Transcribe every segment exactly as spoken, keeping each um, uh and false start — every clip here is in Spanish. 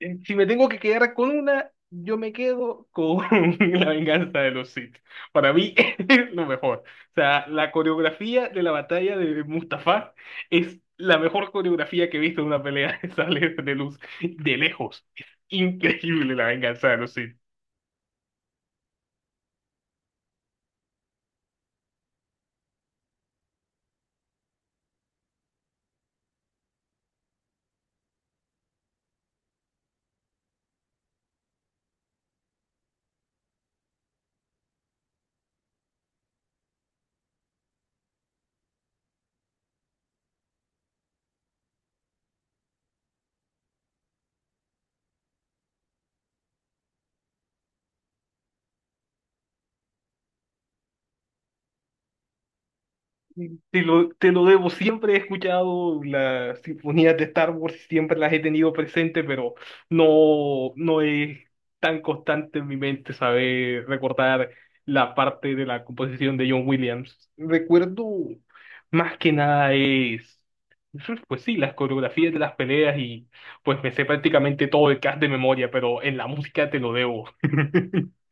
Eh, Si me tengo que quedar con una, yo me quedo con La venganza de los Sith. Para mí es lo mejor. O sea, la coreografía de la batalla de Mustafá es la mejor coreografía que he visto en una pelea de sable de luz de lejos. Es increíble La venganza de los Sith. Te lo, te lo debo, siempre he escuchado las sinfonías de Star Wars, siempre las he tenido presente, pero no, no es tan constante en mi mente saber recordar la parte de la composición de John Williams. Recuerdo más que nada es, pues sí, las coreografías de las peleas y pues me sé prácticamente todo el cast de memoria, pero en la música te lo debo.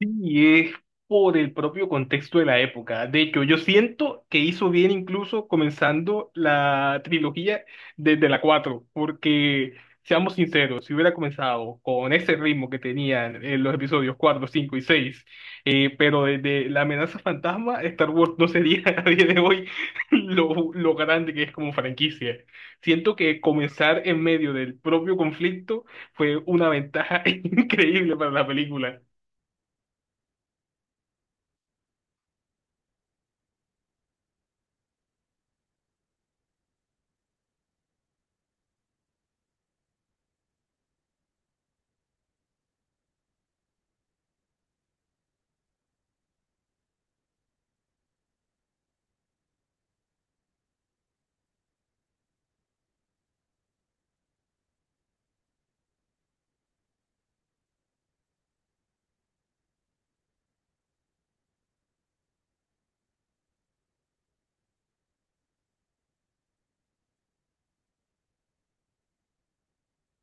Y es por el propio contexto de la época. De hecho, yo siento que hizo bien incluso comenzando la trilogía desde la cuatro, porque seamos sinceros, si hubiera comenzado con ese ritmo que tenían en los episodios cuatro, cinco y seis, eh, pero desde la amenaza fantasma, Star Wars no sería a día de hoy lo, lo grande que es como franquicia. Siento que comenzar en medio del propio conflicto fue una ventaja increíble para la película.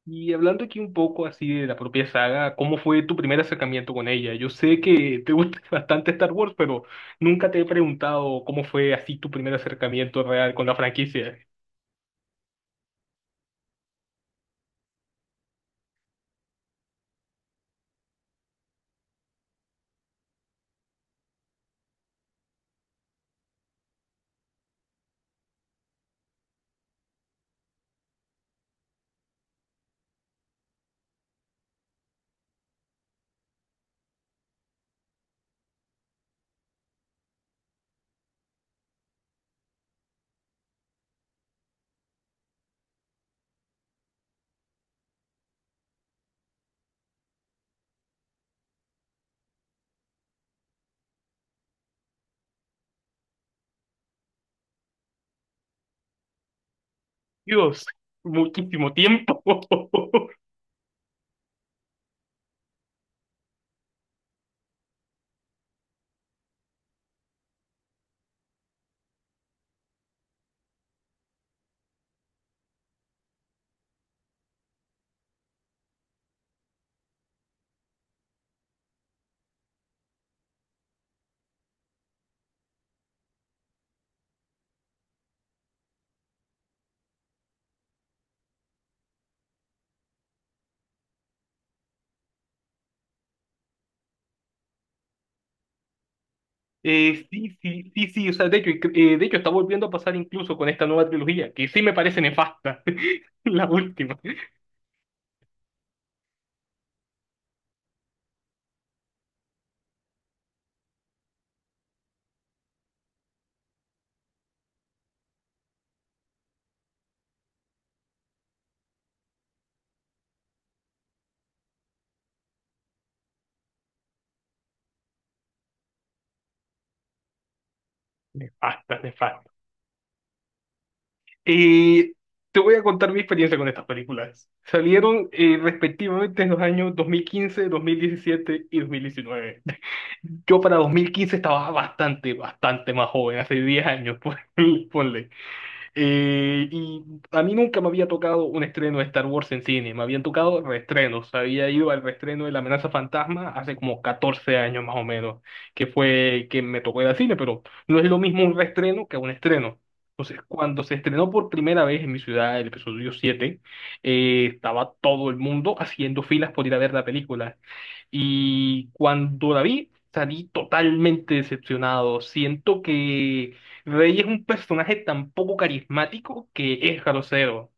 Y hablando aquí un poco así de la propia saga, ¿cómo fue tu primer acercamiento con ella? Yo sé que te gusta bastante Star Wars, pero nunca te he preguntado cómo fue así tu primer acercamiento real con la franquicia. Dios, muchísimo tiempo. Eh, sí, sí, sí, sí, o sea, de hecho, eh, de hecho está volviendo a pasar incluso con esta nueva trilogía, que sí me parece nefasta, la última. Nefasta, nefasta. Y te voy a contar mi experiencia con estas películas. Salieron eh, respectivamente en los años dos dos mil quince, dos mil diecisiete y dos mil diecinueve. Yo para dos mil quince estaba bastante, bastante más joven, hace diez años, pon- ponle. Eh, y a mí nunca me había tocado un estreno de Star Wars en cine, me habían tocado reestrenos. Había ido al reestreno de La Amenaza Fantasma hace como catorce años más o menos, que fue que me tocó ir al cine, pero no es lo mismo un reestreno que un estreno. Entonces, cuando se estrenó por primera vez en mi ciudad el episodio siete, eh, estaba todo el mundo haciendo filas por ir a ver la película. Y cuando la vi, salí totalmente decepcionado. Siento que Rey es un personaje tan poco carismático que es grosero.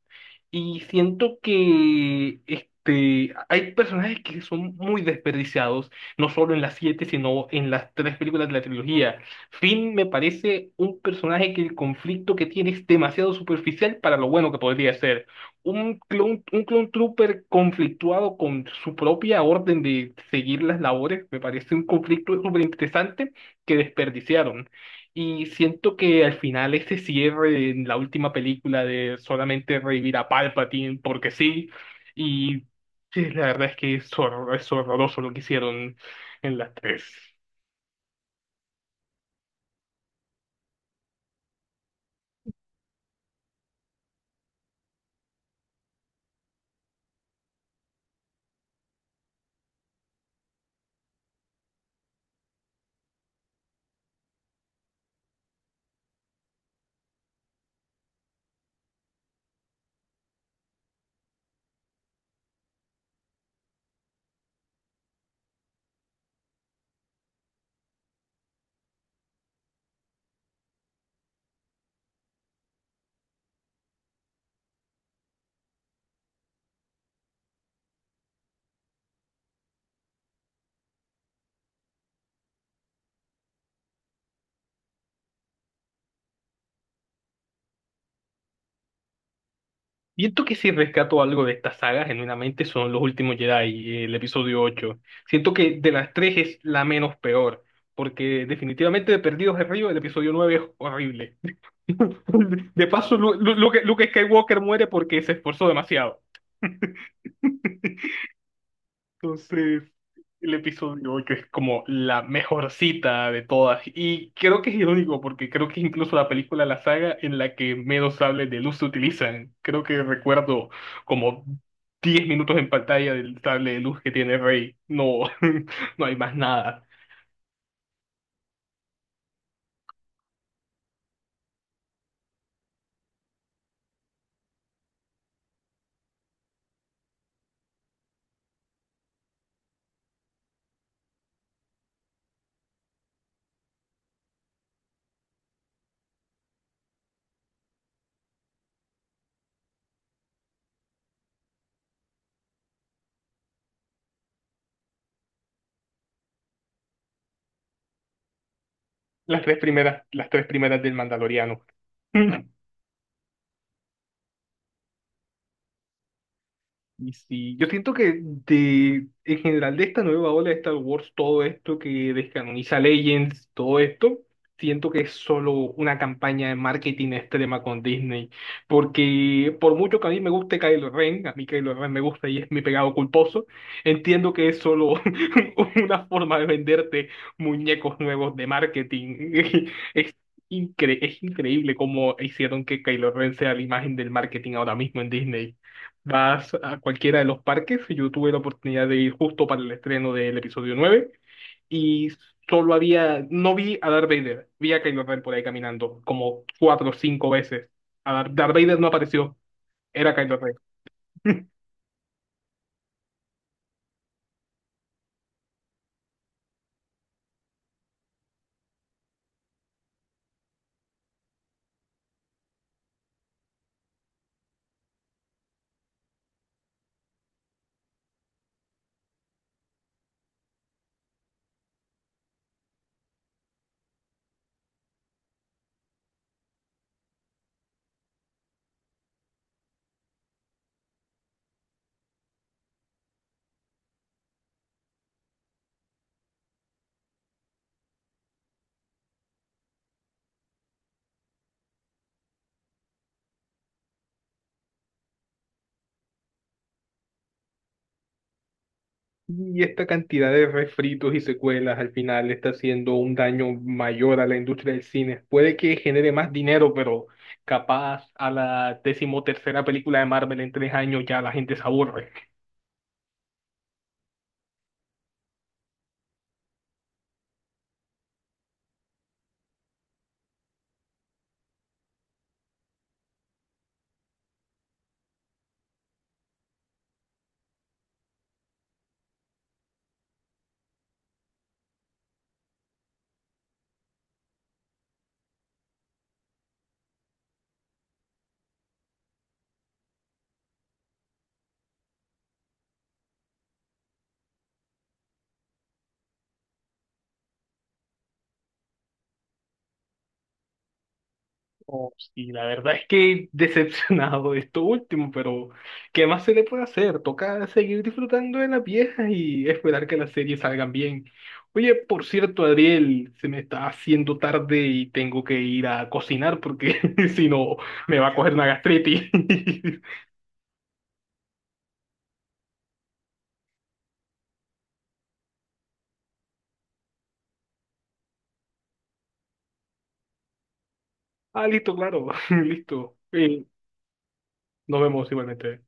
Y siento que este, hay personajes que son muy desperdiciados, no solo en las siete, sino en las tres películas de la trilogía. Finn me parece un personaje que el conflicto que tiene es demasiado superficial para lo bueno que podría ser. Un clone, un clone trooper conflictuado con su propia orden de seguir las labores, me parece un conflicto súper interesante que desperdiciaron. Y siento que al final ese cierre en la última película de solamente revivir a Palpatine porque sí, y sí, la verdad es que es, hor- es horroroso lo que hicieron en las tres. Siento que si rescato algo de esta saga, genuinamente son los últimos Jedi, el episodio ocho. Siento que de las tres es la menos peor, porque definitivamente de Perdidos en Río el episodio nueve es horrible. De paso, Lu- Lu- Luke Luke Skywalker muere porque se esforzó demasiado. Entonces, el episodio ocho es como la mejor cita de todas. Y creo que es irónico porque creo que es incluso la película de la saga en la que menos sables de luz se utilizan. Creo que recuerdo como diez minutos en pantalla del sable de luz que tiene Rey. No, no hay más nada. Las tres primeras, las tres primeras del Mandaloriano. Y sí, yo siento que de, en general de esta nueva ola de Star Wars, todo esto que descanoniza Legends, todo esto, siento que es solo una campaña de marketing extrema con Disney. Porque por mucho que a mí me guste Kylo Ren, a mí Kylo Ren me gusta y es mi pegado culposo, entiendo que es solo una forma de venderte muñecos nuevos de marketing. Es incre- es increíble cómo hicieron que Kylo Ren sea la imagen del marketing ahora mismo en Disney. Vas a cualquiera de los parques. Yo tuve la oportunidad de ir justo para el estreno del episodio nueve y solo había, no vi a Darth Vader, vi a Kylo Ren por ahí caminando como cuatro o cinco veces. A Dar- Darth Vader no apareció, era Kylo Ren. Y esta cantidad de refritos y secuelas al final está haciendo un daño mayor a la industria del cine. Puede que genere más dinero, pero capaz a la decimotercera película de Marvel en tres años ya la gente se aburre. Oh, y la verdad es que decepcionado de esto último, pero ¿qué más se le puede hacer? Toca seguir disfrutando de las viejas y esperar que las series salgan bien. Oye, por cierto, Adriel, se me está haciendo tarde y tengo que ir a cocinar porque si no me va a coger una gastritis. Ah, listo, claro, listo. Eh, nos vemos igualmente.